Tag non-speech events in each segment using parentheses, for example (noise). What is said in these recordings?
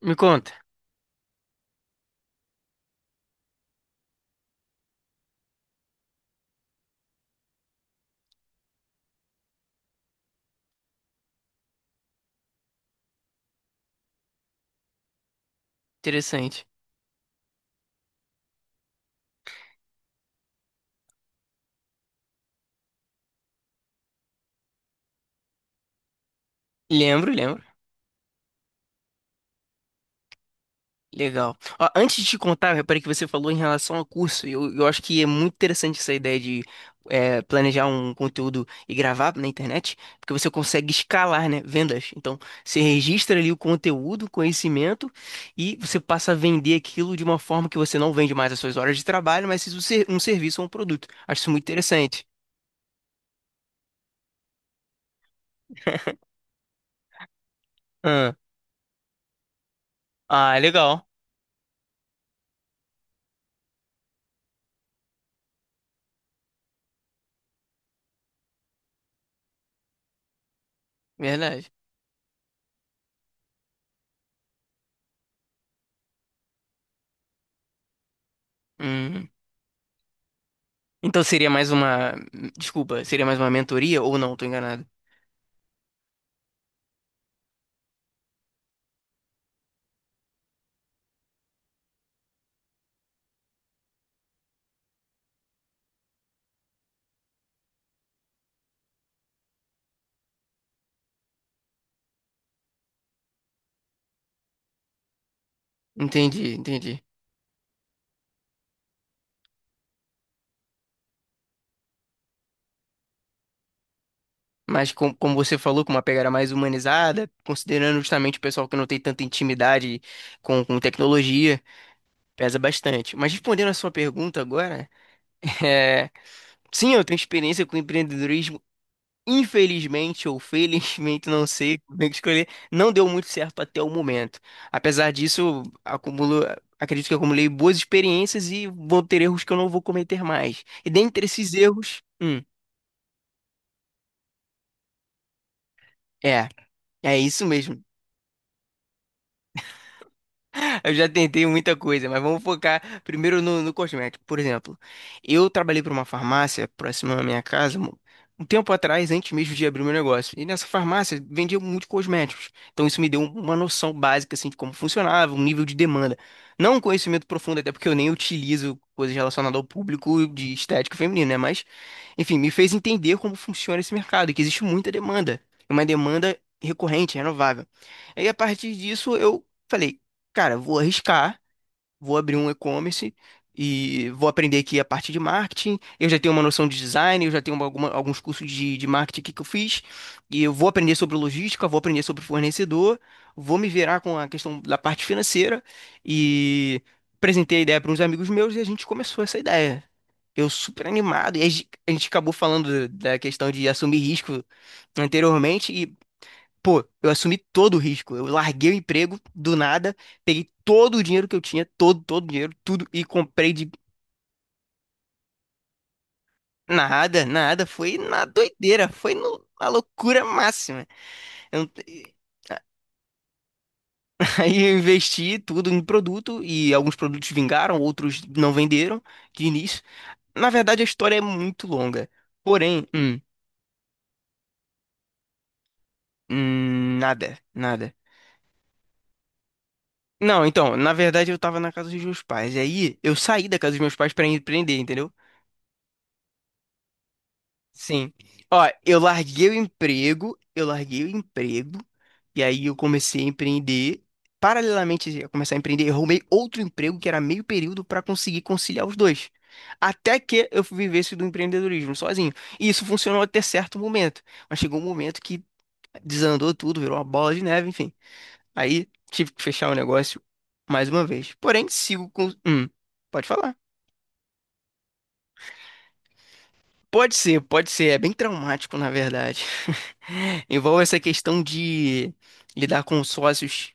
Me conta. Interessante. Lembro, lembro. Legal. Ó, antes de te contar, eu reparei que você falou em relação a curso. Eu acho que é muito interessante essa ideia de planejar um conteúdo e gravar na internet, porque você consegue escalar, né? Vendas. Então, você registra ali o conteúdo, o conhecimento, e você passa a vender aquilo de uma forma que você não vende mais as suas horas de trabalho, mas isso ser um serviço ou um produto. Acho isso muito interessante. (laughs) Ah, ah, legal. Verdade. Então seria mais uma. Desculpa, seria mais uma mentoria ou não? Tô enganado. Entendi, entendi. Mas como você falou, com uma pegada mais humanizada, considerando justamente o pessoal que não tem tanta intimidade com tecnologia, pesa bastante. Mas respondendo a sua pergunta agora, (laughs) é, sim, eu tenho experiência com empreendedorismo. Infelizmente ou felizmente, (laughs) não sei como é que escolher, não deu muito certo até o momento. Apesar disso, acumulo, acredito que acumulei boas experiências e vou ter erros que eu não vou cometer mais. E dentre esses erros, é, é isso mesmo. Eu já tentei muita coisa, mas vamos focar primeiro no cosmético. Por exemplo, eu trabalhei para uma farmácia próxima à minha casa um tempo atrás, antes mesmo de abrir meu negócio. E nessa farmácia vendia muitos cosméticos. Então isso me deu uma noção básica assim, de como funcionava, um nível de demanda. Não um conhecimento profundo, até porque eu nem utilizo coisas relacionadas ao público de estética feminina, né? Mas, enfim, me fez entender como funciona esse mercado, e que existe muita demanda. Uma demanda recorrente, renovável. Aí, a partir disso, eu falei cara, vou arriscar, vou abrir um e-commerce e vou aprender aqui a parte de marketing. Eu já tenho uma noção de design, eu já tenho alguns cursos de marketing aqui que eu fiz. E eu vou aprender sobre logística, vou aprender sobre fornecedor, vou me virar com a questão da parte financeira e apresentei a ideia para uns amigos meus e a gente começou essa ideia. Eu super animado, e a gente acabou falando da questão de assumir risco anteriormente. Pô, eu assumi todo o risco. Eu larguei o emprego do nada, peguei todo o dinheiro que eu tinha, todo, todo o dinheiro, tudo, e comprei de nada, nada. Foi na doideira, foi na loucura máxima. Eu não- (laughs) Aí eu investi tudo em produto e alguns produtos vingaram, outros não venderam de início. Na verdade, a história é muito longa. Porém, nada, nada. Não, então, na verdade eu tava na casa dos meus pais. E aí eu saí da casa dos meus pais pra empreender, entendeu? Sim. Ó, eu larguei o emprego, e aí eu comecei a empreender. Paralelamente a começar a empreender, eu arrumei outro emprego que era meio período para conseguir conciliar os dois. Até que eu vivesse do empreendedorismo sozinho. E isso funcionou até certo momento. Mas chegou um momento que desandou tudo, virou uma bola de neve, enfim. Aí tive que fechar o negócio mais uma vez. Porém, sigo com. Pode falar. Pode ser, pode ser. É bem traumático, na verdade. (laughs) Envolve essa questão de lidar com os sócios.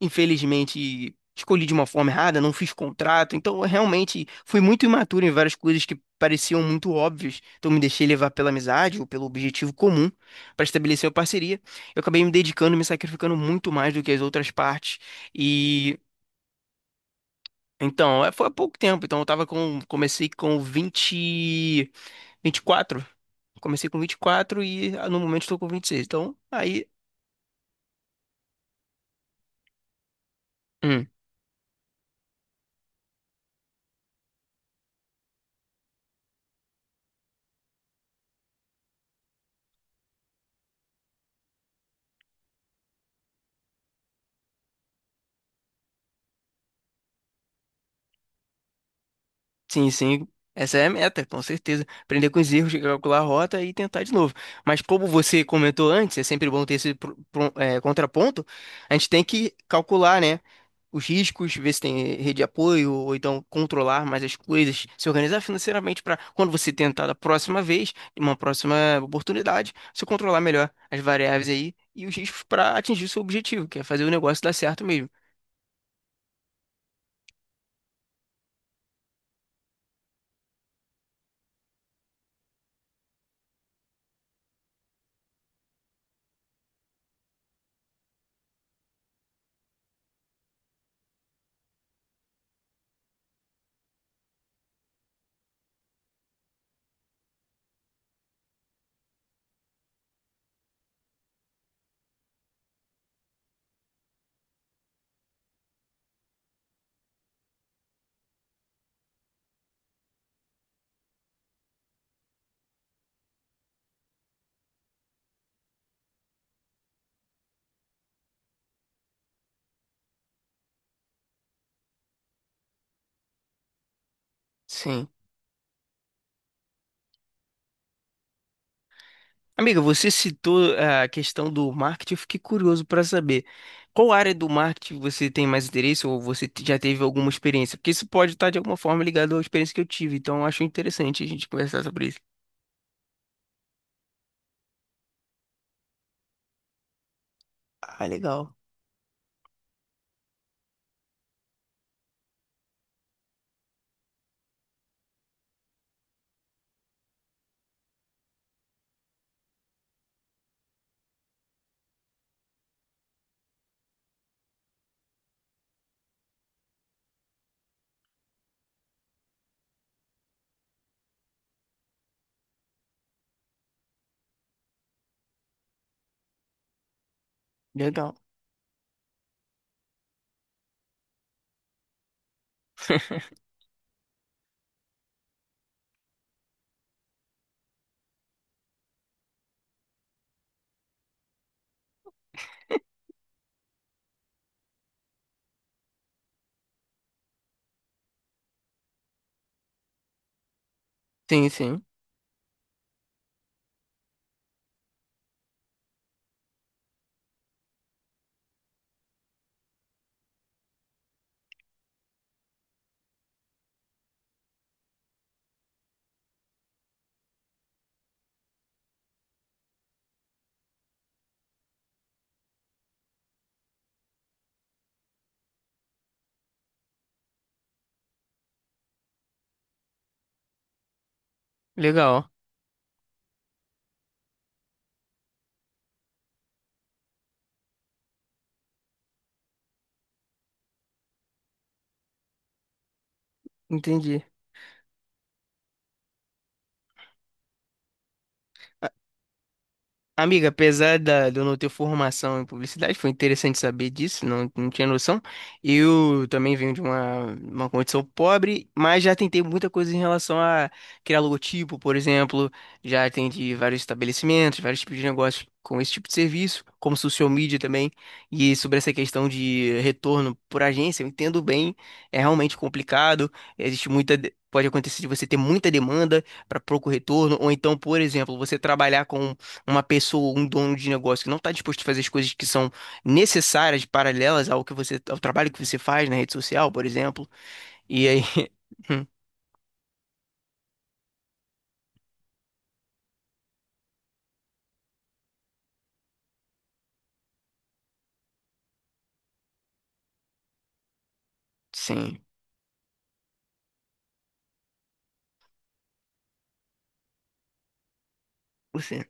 Infelizmente, escolhi de uma forma errada, não fiz contrato. Então, eu realmente fui muito imaturo em várias coisas que pareciam muito óbvias. Então, me deixei levar pela amizade ou pelo objetivo comum para estabelecer uma parceria. Eu acabei me dedicando, me sacrificando muito mais do que as outras partes. E. Então, foi há pouco tempo. Então, eu tava com. Comecei com 20, 24. Comecei com 24 e no momento estou com 26. Então, aí, hum, sim, sim, essa é a meta, com certeza. Aprender com os erros, calcular a rota e tentar de novo. Mas como você comentou antes, é sempre bom ter esse contraponto, a gente tem que calcular, né? Os riscos, ver se tem rede de apoio, ou então controlar mais as coisas, se organizar financeiramente para quando você tentar da próxima vez, em uma próxima oportunidade, você controlar melhor as variáveis aí e os riscos para atingir o seu objetivo, que é fazer o negócio dar certo mesmo. Sim. Amiga, você citou a questão do marketing, eu fiquei curioso para saber qual área do marketing você tem mais interesse ou você já teve alguma experiência? Porque isso pode estar de alguma forma ligado à experiência que eu tive, então eu acho interessante a gente conversar sobre isso. Ah, legal, legal. Sim, sim, legal, entendi. Amiga, apesar da, de eu não ter formação em publicidade, foi interessante saber disso, não, não tinha noção. Eu também venho de uma condição pobre, mas já tentei muita coisa em relação a criar logotipo, por exemplo. Já atendi vários estabelecimentos, vários tipos de negócios com esse tipo de serviço, como social media também. E sobre essa questão de retorno por agência, eu entendo bem, é realmente complicado, existe muita. Pode acontecer de você ter muita demanda para pouco retorno, ou então, por exemplo, você trabalhar com uma pessoa, um dono de negócio que não está disposto a fazer as coisas que são necessárias, paralelas ao que você, ao trabalho que você faz na rede social, por exemplo. E aí, (laughs) sim, você.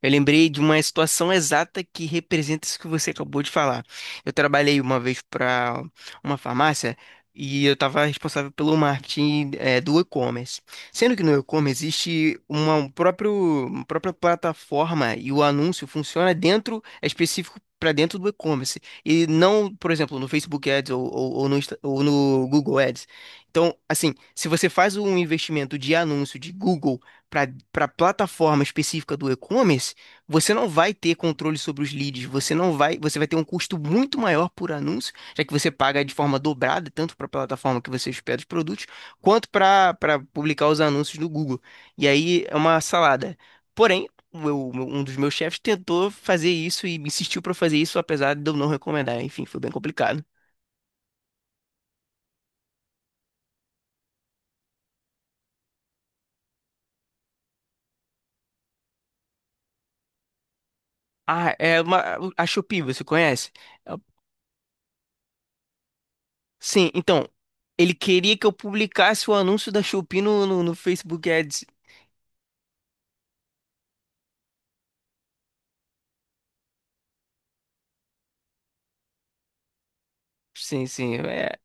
Eu lembrei de uma situação exata que representa isso que você acabou de falar. Eu trabalhei uma vez para uma farmácia e eu estava responsável pelo marketing, do e-commerce. Sendo que no e-commerce existe uma, um próprio, uma própria plataforma e o anúncio funciona dentro, é específico para dentro do e-commerce. E não, por exemplo, no Facebook Ads ou no, ou no Google Ads. Então, assim, se você faz um investimento de anúncio de Google para plataforma específica do e-commerce, você não vai ter controle sobre os leads, você não vai, você vai ter um custo muito maior por anúncio, já que você paga de forma dobrada, tanto para a plataforma que você hospeda os produtos, quanto para publicar os anúncios do Google. E aí é uma salada. Porém, um dos meus chefes tentou fazer isso e insistiu para fazer isso, apesar de eu não recomendar. Enfim, foi bem complicado. Ah, é uma, a Shopee, você conhece? É- Sim, então, ele queria que eu publicasse o anúncio da Shopee no Facebook Ads. Sim, sim. é,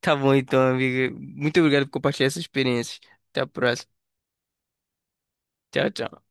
Tá bom então, amiga. Muito obrigado por compartilhar essa experiência. Até a próxima. Tchau, tchau.